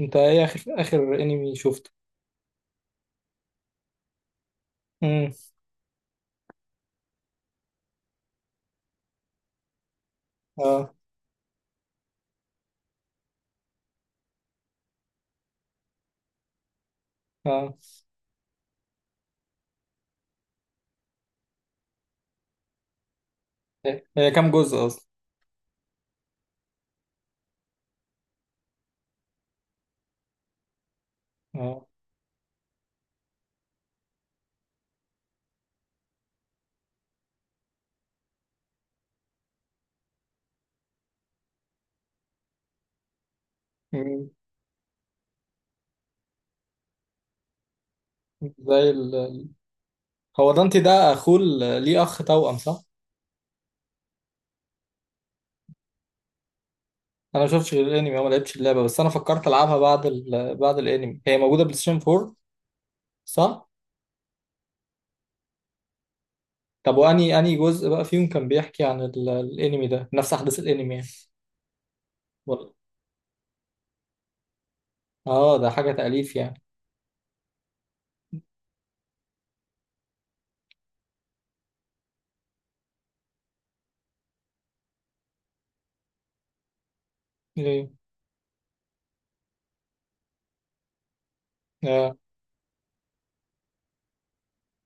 انت ايه اخر انمي شفته؟ امم. اه. اه. هي كام جزء اصلا؟ اه. مم. زي ال ال- هو دانتي ده اخوه ليه اخ توأم، صح؟ انا ما شفتش غير الانمي. أنا ما لعبتش اللعبه، بس انا فكرت العبها بعد بعد الانمي. هي موجوده بلاي ستيشن 4. صح؟ طب واني جزء بقى فيهم كان بيحكي عن الانمي؟ ده نفس احداث الانمي يعني؟ ولا؟ اه، ده حاجه تأليف يعني. ايه. اه،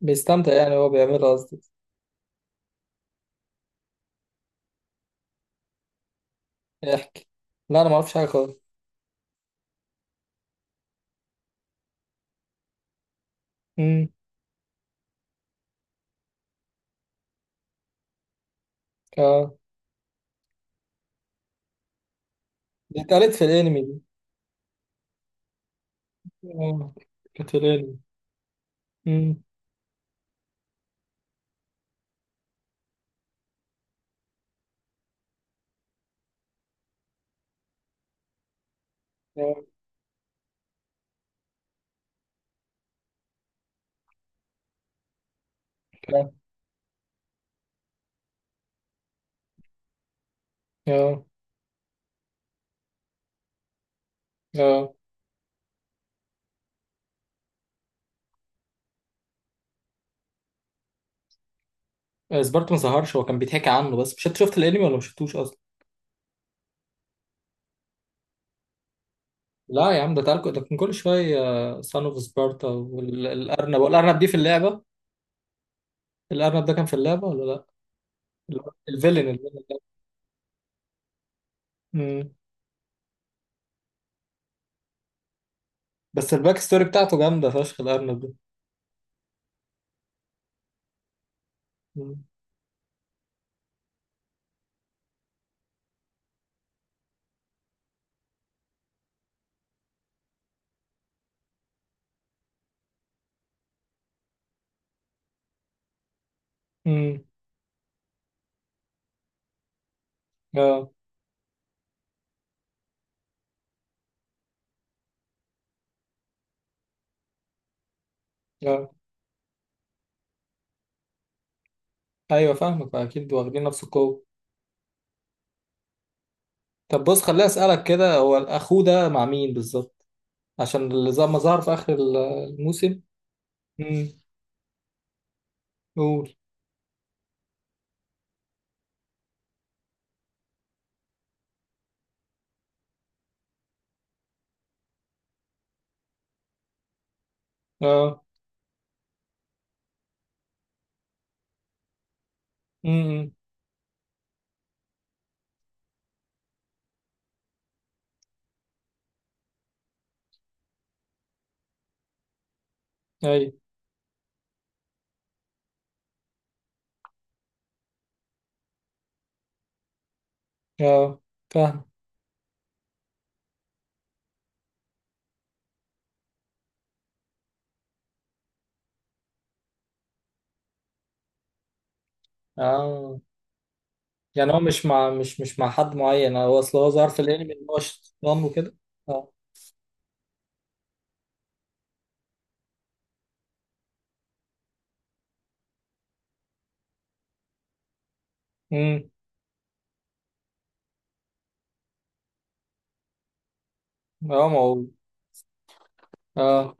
بيستمتع يعني، هو بيعملها قصدي. احكي. لا، انا ما اعرفش حاجه خالص. امم. اه. دي اتقالت في الانمي دي؟ اه. كانت الانمي. امم. اه. كان- اه. اه. آه، سبارتا ما ظهرش، هو كان بيتحكي عنه بس. مش انت شفت الانمي ولا ما شفتوش اصلا؟ لا يا عم، ده تعال، ده كان كل شويه. سان اوف سبارتا. والارنب دي في اللعبه؟ الارنب ده كان في اللعبه ولا لا؟ ال- الفيلن، الفيلن. امم. بس الباك ستوري بتاعته جامده فشخ، الارنب ده. امم. أمم. اه. اه. ايوه، فاهمك اكيد، واخدين نفس القوه. طب بص خليني اسالك كده، هو اخوه ده مع مين بالظبط؟ عشان اللي زي ما ظهر في آخر الموسم. امم. قول. اه. امم. اي. اه. فاهم. اه. يعني هو مش مع حد معين. هو اصل هو ظهر في الانمي ان هو شيطان وكده. اه. امم. اه. ما هو. اه.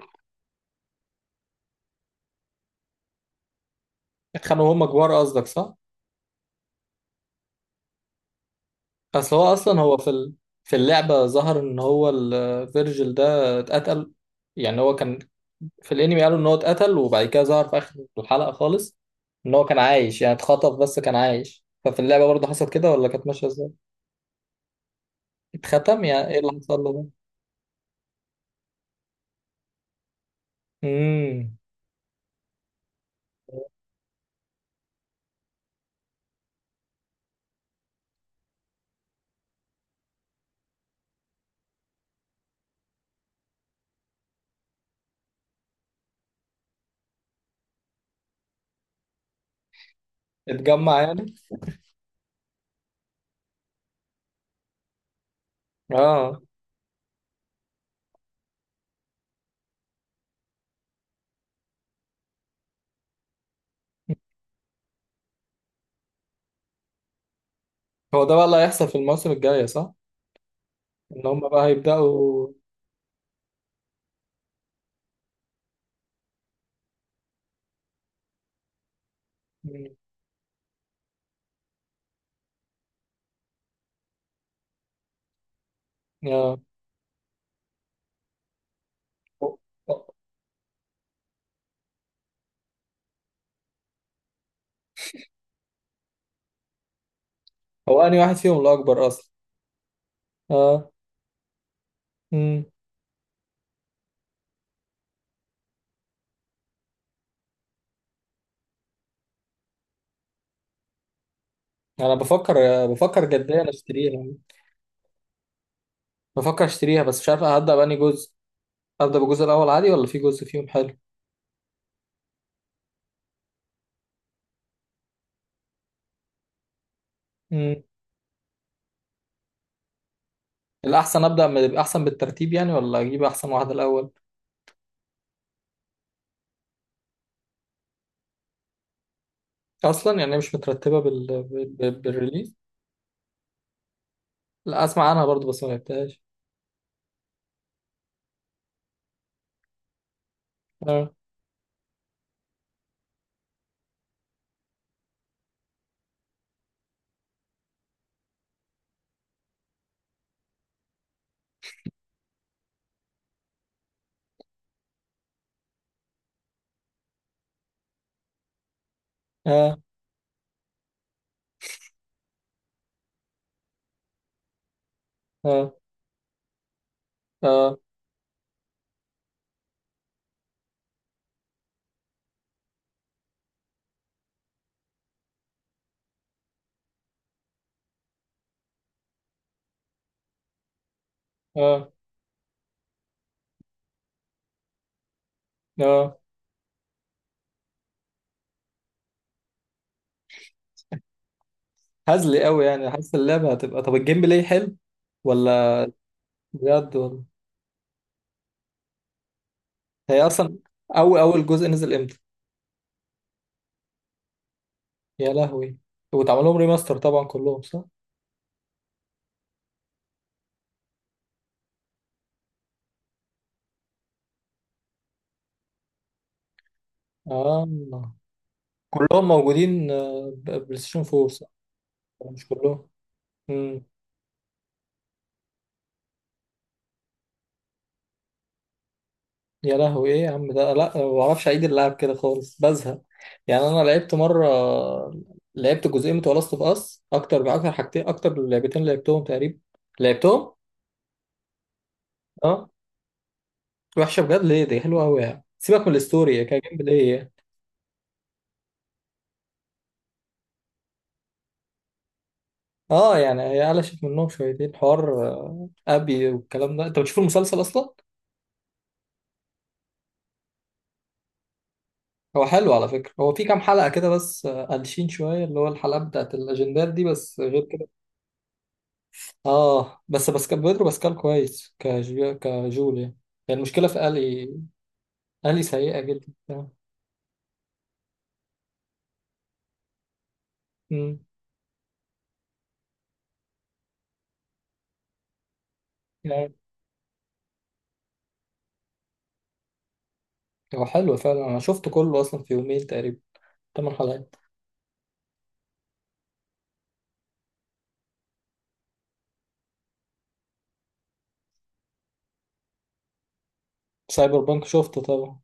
كانوا هما كبار قصدك، صح؟ اصل هو اصلا هو في اللعبة ظهر ان هو الفيرجل ده اتقتل. يعني هو كان في الانمي قالوا ان هو اتقتل، وبعد كده ظهر في اخر الحلقة خالص ان هو كان عايش. يعني اتخطف بس كان عايش. ففي اللعبة برضه حصل كده ولا كانت ماشية ازاي؟ اتختم يعني ايه اللي حصل له ده؟ امم. اتجمع يعني؟ اه. هو ده بقى اللي هيحصل في الموسم الجاي، صح؟ ان هم بقى هيبدأوا. مم. اه. هو هو انهي واحد فيهم الاكبر اصلا؟ اه. امم. انا بفكر جديا اشتريها يعني. بفكر اشتريها بس مش عارف هبدأ بأنهي جزء؟ ابدأ بالجزء الاول عادي ولا في جزء فيهم حلو؟ الأحسن أبدأ أحسن بالترتيب يعني ولا أجيب أحسن واحدة الأول؟ أصلا يعني هي مش مترتبة بالريليز. لا، أسمع عنها برضو بس ما لعبتهاش. آه. آه. آه. آه. آه. آه. هزلي أوي يعني، حاسس اللعبة هتبقى طب. الجيم بلاي حلو ولا؟ بجد ولا؟ هي أصلا، أول أول جزء نزل إمتى؟ يا لهوي. واتعمل لهم ريماستر طبعا كلهم، صح؟ آه. كلهم موجودين، بلاي ستيشن 4، صح؟ مش كلهم. يا لهوي، ايه يا عم ده، لا ما بعرفش اعيد اللعب كده خالص، بزهق. يعني انا لعبت مره. لعبت جزئين بتوع لاست اوف اس، اكتر باكتر، حاجتين اكتر من لعبتين لعبتهم تقريبا. لعبتهم. اه. وحشه بجد ليه؟ دي حلوه قوي يعني، سيبك من الستوري، هي كانت جيم بلاي يعني. اه، يعني هي قلشت منهم شويتين حوار ابي والكلام ده. انت بتشوف المسلسل اصلا؟ هو حلو على فكره. هو في كام حلقه كده بس قلشين شويه، اللي هو الحلقه بتاعت الاجندات دي بس، غير. اه، بس باسكال. بيدرو باسكال كويس كجو كجول يعني. يعني المشكله في الي. الي سيئه جدا. امم. يعني هو حلو فعلا، انا شفته كله اصلا في يومين تقريبا. ثمان حلقات. سايبر بانك شفته طبعا.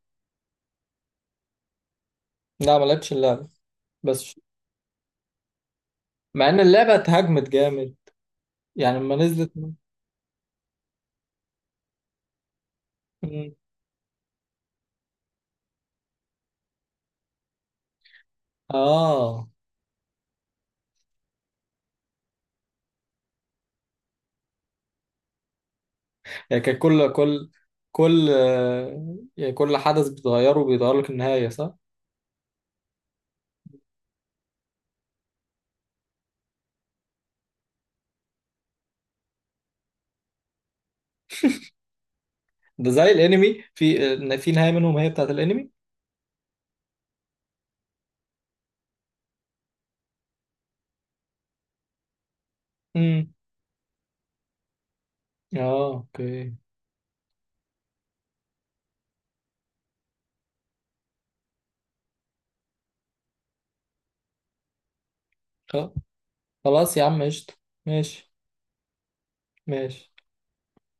لا ما لعبتش اللعبه. بس ش- مع ان اللعبه اتهاجمت جامد، يعني لما نزلت. مم. اه، يعني كان كل كل كل آه، يعني كل حدث بتغيره بيغير لك النهايه، صح؟ ده زي الانمي في في نهايه منهم هي بتاعت الانمي. امم. اه. اوكي. آه. خلاص يا عم، قشطة. ماشي. ماشي.